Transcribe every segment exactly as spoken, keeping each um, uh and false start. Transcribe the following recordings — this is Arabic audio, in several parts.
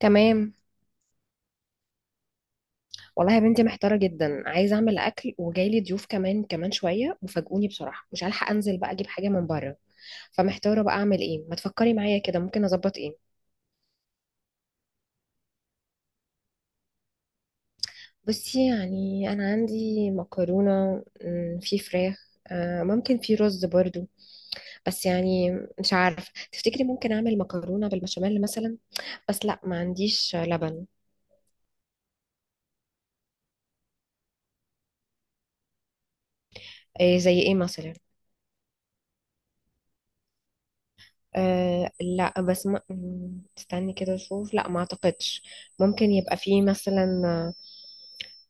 تمام. والله يا بنتي محتارة جدا، عايزة أعمل أكل وجايلي ضيوف كمان كمان شوية وفاجئوني بصراحة، مش هلحق أنزل بقى أجيب حاجة من بره. فمحتارة بقى أعمل إيه؟ ما تفكري معايا كده، ممكن أظبط إيه؟ بصي يعني أنا عندي مكرونة، مم، في فراخ، آه، ممكن في رز برضو. بس يعني مش عارف، تفتكري ممكن أعمل مكرونة بالبشاميل مثلا؟ بس لا، ما عنديش لبن. إيه زي إيه مثلا؟ أه لا، بس ما م- استني كده اشوف، لا ما اعتقدش. ممكن يبقى فيه مثلا.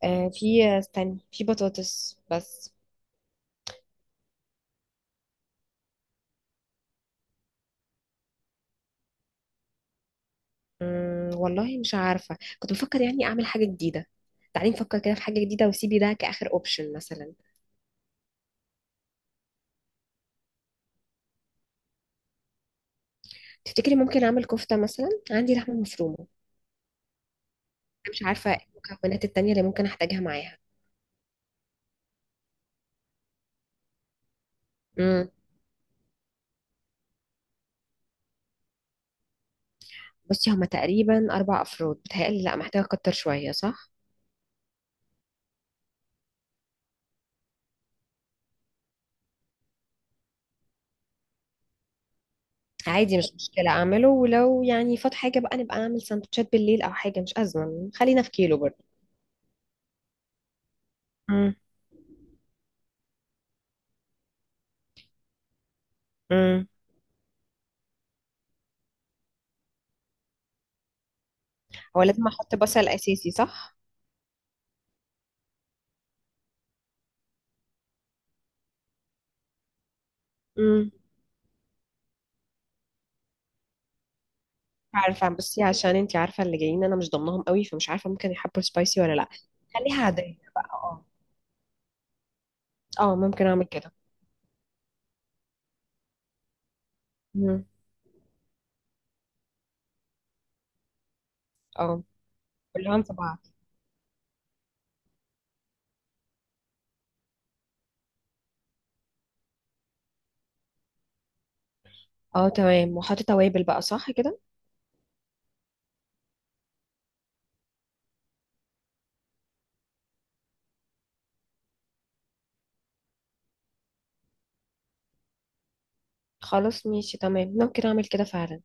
أه، في، استني، في بطاطس بس. مم، والله مش عارفة، كنت بفكر يعني اعمل حاجة جديدة. تعالي نفكر كده في حاجة جديدة وسيبي ده كآخر اوبشن مثلا. تفتكري ممكن اعمل كفتة مثلا؟ عندي لحمة مفرومة أنا. مش عارفة ايه المكونات التانية اللي ممكن احتاجها معاها. مم. بصي هما تقريبا اربع افراد، بتهيألي لا، محتاجة اكتر شوية صح؟ عادي مش مشكلة أعمله، ولو يعني فات حاجة بقى نبقى أعمل سندوتشات بالليل أو حاجة، مش أزمة، خلينا في كيلو برضه. امم. امم. هو لازم أحط بصل أساسي صح؟ امم. عارفة بصي، عشان انتي عارفة اللي جايين أنا مش ضمنهم قوي، فمش عارفة ممكن يحبوا سبايسي ولا لأ. خليها عادية بقى، اه. اه، ممكن أعمل كده. امم. اه، كلهم في بعض. اه تمام، وأحط توابل بقى صح كده؟ خلاص ماشي تمام، ممكن أعمل كده فعلا.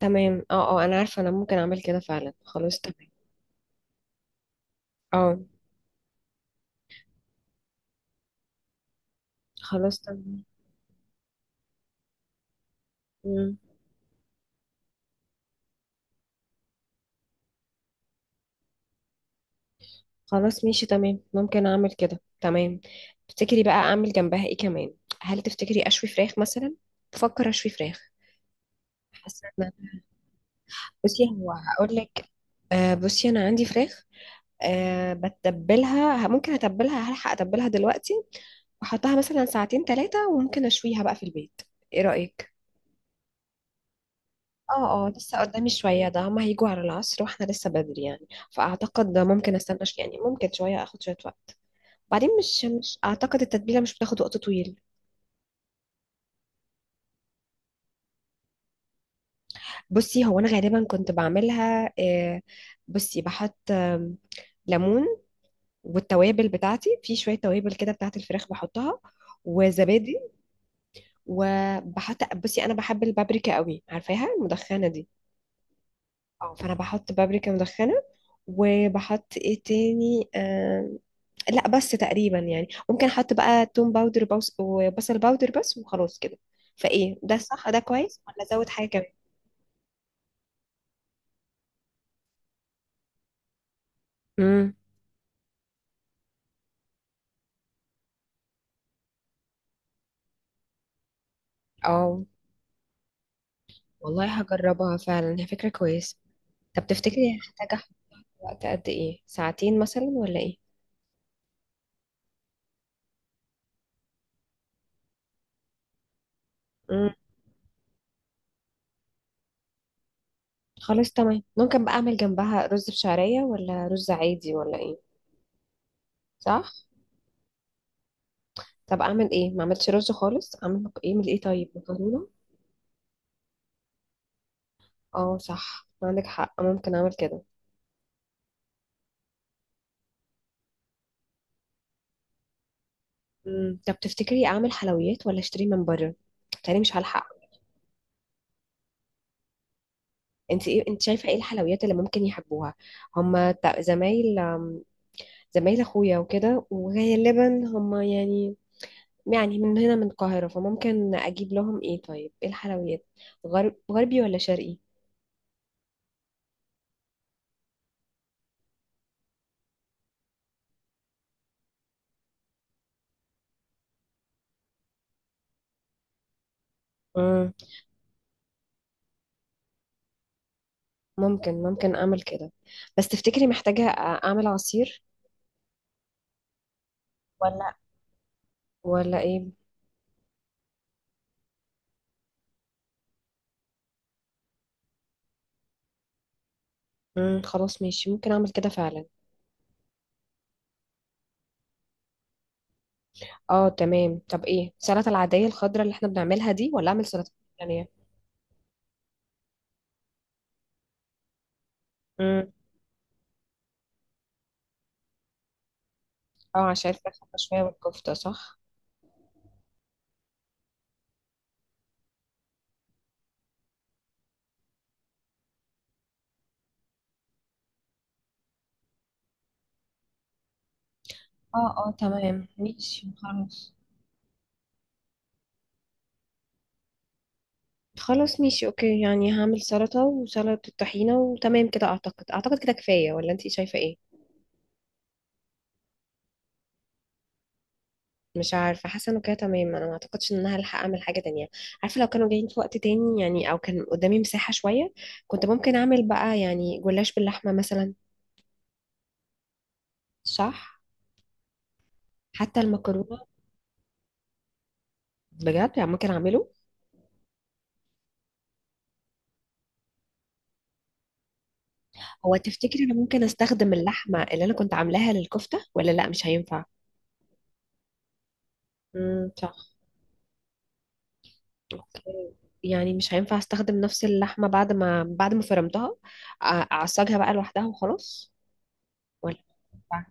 تمام، اه، اه، أنا عارفة، أنا ممكن أعمل كده فعلا، خلاص تمام. اه خلاص تمام. مم. خلاص ماشي تمام، ممكن اعمل كده تمام. تفتكري بقى اعمل جنبها ايه كمان؟ هل تفتكري اشوي فراخ مثلا؟ بفكر اشوي فراخ. حاسه ان، بصي هو هقول لك. آه بصي، انا عندي فراخ. آه، بتبلها، ممكن اتبلها، هلحق اتبلها دلوقتي واحطها مثلا ساعتين ثلاثه، وممكن اشويها بقى في البيت. ايه رايك؟ اه، اه، لسه قدامي شويه، ده هما هيجوا على العصر واحنا لسه بدري يعني، فاعتقد ده ممكن استنى شوية- يعني ممكن شويه، اخد شويه وقت. بعدين مش مش اعتقد التتبيله مش بتاخد وقت طويل. بصي هو انا غالبا كنت بعملها آه، بصي بحط آم، ليمون، والتوابل بتاعتي، في شويه توابل كده بتاعت الفراخ بحطها، وزبادي. وبحط، بصي انا بحب البابريكا قوي، عارفاها المدخنه دي. اه فانا بحط بابريكا مدخنه. وبحط ايه تاني آم، لا بس تقريبا يعني، ممكن احط بقى توم باودر، بوس- وبصل باودر بس وخلاص كده. فايه ده صح؟ ده كويس ولا ازود حاجه؟ كمان؟ اه، والله هجربها فعلا، هي فكرة كويسة. طب تفتكري هحتاج احط وقت قد ايه؟ ساعتين مثلا ولا ايه؟ امم. خلاص تمام، ممكن بقى اعمل جنبها رز بشعرية، ولا رز عادي، ولا ايه؟ صح. طب اعمل ايه ما عملتش رز خالص، اعمل مك- ايه، من ايه، طيب مكرونة. اه صح، عندك حق، ممكن اعمل كده. امم. طب تفتكري اعمل حلويات ولا اشتري من بره؟ تاني مش هلحق. انت ايه، انت شايفة ايه الحلويات اللي ممكن يحبوها؟ هما تا- زمايل، زمايل اخويا وكده، وغالبا هم يعني، يعني من هنا من القاهرة، فممكن اجيب لهم ايه طيب، ايه الحلويات؟ غرب غربي ولا شرقي؟ مم. ممكن ممكن اعمل كده. بس تفتكري محتاجة اعمل عصير ولا ولا ايه؟ مم. خلاص ماشي، ممكن اعمل كده فعلا. اه تمام، طب ايه السلطة، العادية الخضراء اللي احنا بنعملها دي، ولا اعمل سلطة تانية؟ مم. اه عشان الفراخ شوية والكفتة صح. اه، اه، تمام ماشي خلاص. خلاص ماشي اوكي، يعني هعمل سلطة وسلطة طحينة وتمام كده، اعتقد اعتقد كده كفاية، ولا انتي شايفة ايه؟ مش عارفة، حاسة انه كده تمام، انا ما اعتقدش ان انا هلحق اعمل حاجة تانية. عارفة لو كانوا جايين في وقت تاني يعني، او كان قدامي مساحة شوية، كنت ممكن اعمل بقى يعني جلاش باللحمة مثلا. صح. حتى المكرونة. بجد يعني، ممكن اعمله. هو تفتكري انا ممكن استخدم اللحمة اللي انا كنت عاملاها للكفتة، ولا لا مش هينفع؟ امم، صح. اوكي. يعني مش هينفع استخدم نفس اللحمة بعد ما بعد ما فرمتها، أ- اعصجها بقى لوحدها وخلاص، ولا؟ طبعاً.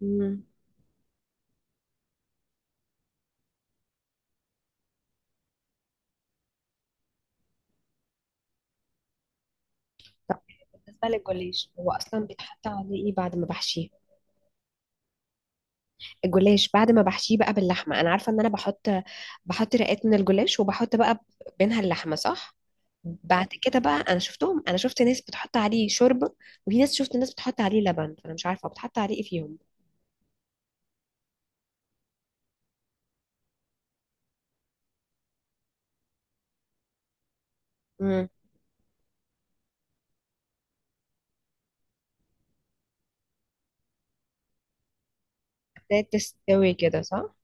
مم. طب بالنسبة للجوليش، هو اصلا بيتحط عليه ايه بعد ما بحشيه؟ الجلاش بعد ما بحشيه بقى باللحمة، انا عارفة ان انا بحط، بحط رقات من الجلاش وبحط بقى بينها اللحمة صح. بعد كده بقى، انا شفتهم انا شفت ناس بتحط عليه شوربة، وفي ناس شفت ناس بتحط عليه لبن، فانا مش عارفة بتحط عليه ايه فيهم. امم. ده تستوي كده صح.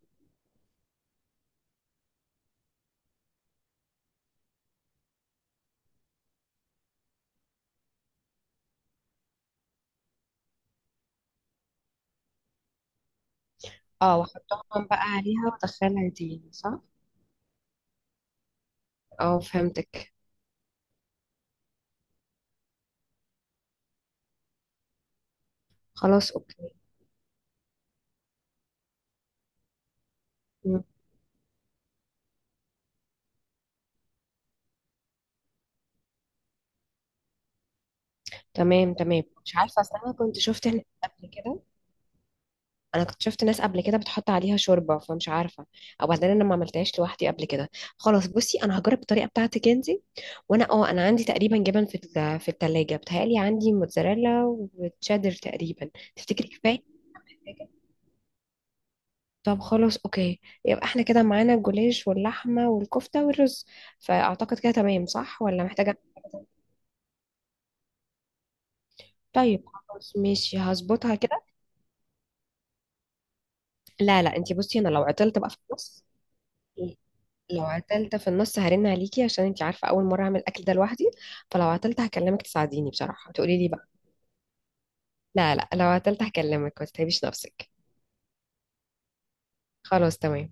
اه، واحطهم بقى عليها وادخلها تاني صح. اه فهمتك. خلاص اوكي. مم. تمام تمام، مش عارفه اصل، انا كنت شفت ناس قبل كده، انا كنت شفت ناس قبل كده بتحط عليها شوربه، فمش عارفه. او بعدين انا ما عملتهاش لوحدي قبل كده. خلاص بصي، انا هجرب الطريقه بتاعتك انت. وانا، اه، انا عندي تقريبا جبن في ال- في الثلاجه، بتهيألي عندي موتزاريلا وتشيدر تقريبا. تفتكري كفايه؟ طب خلاص اوكي، يبقى احنا كده معانا الجوليش واللحمة والكفتة والرز، فاعتقد كده تمام صح، ولا محتاجة؟ طيب، خلاص ماشي، هظبطها كده. لا لا انتي، بصي انا لو عطلت بقى في النص، لو عطلت في النص هرن عليكي، عشان انتي عارفة اول مرة اعمل الاكل ده لوحدي، فلو عطلت هكلمك تساعديني بصراحة تقولي لي بقى. لا لا لو عطلت هكلمك، ما تتعبيش نفسك. خلاص تمام.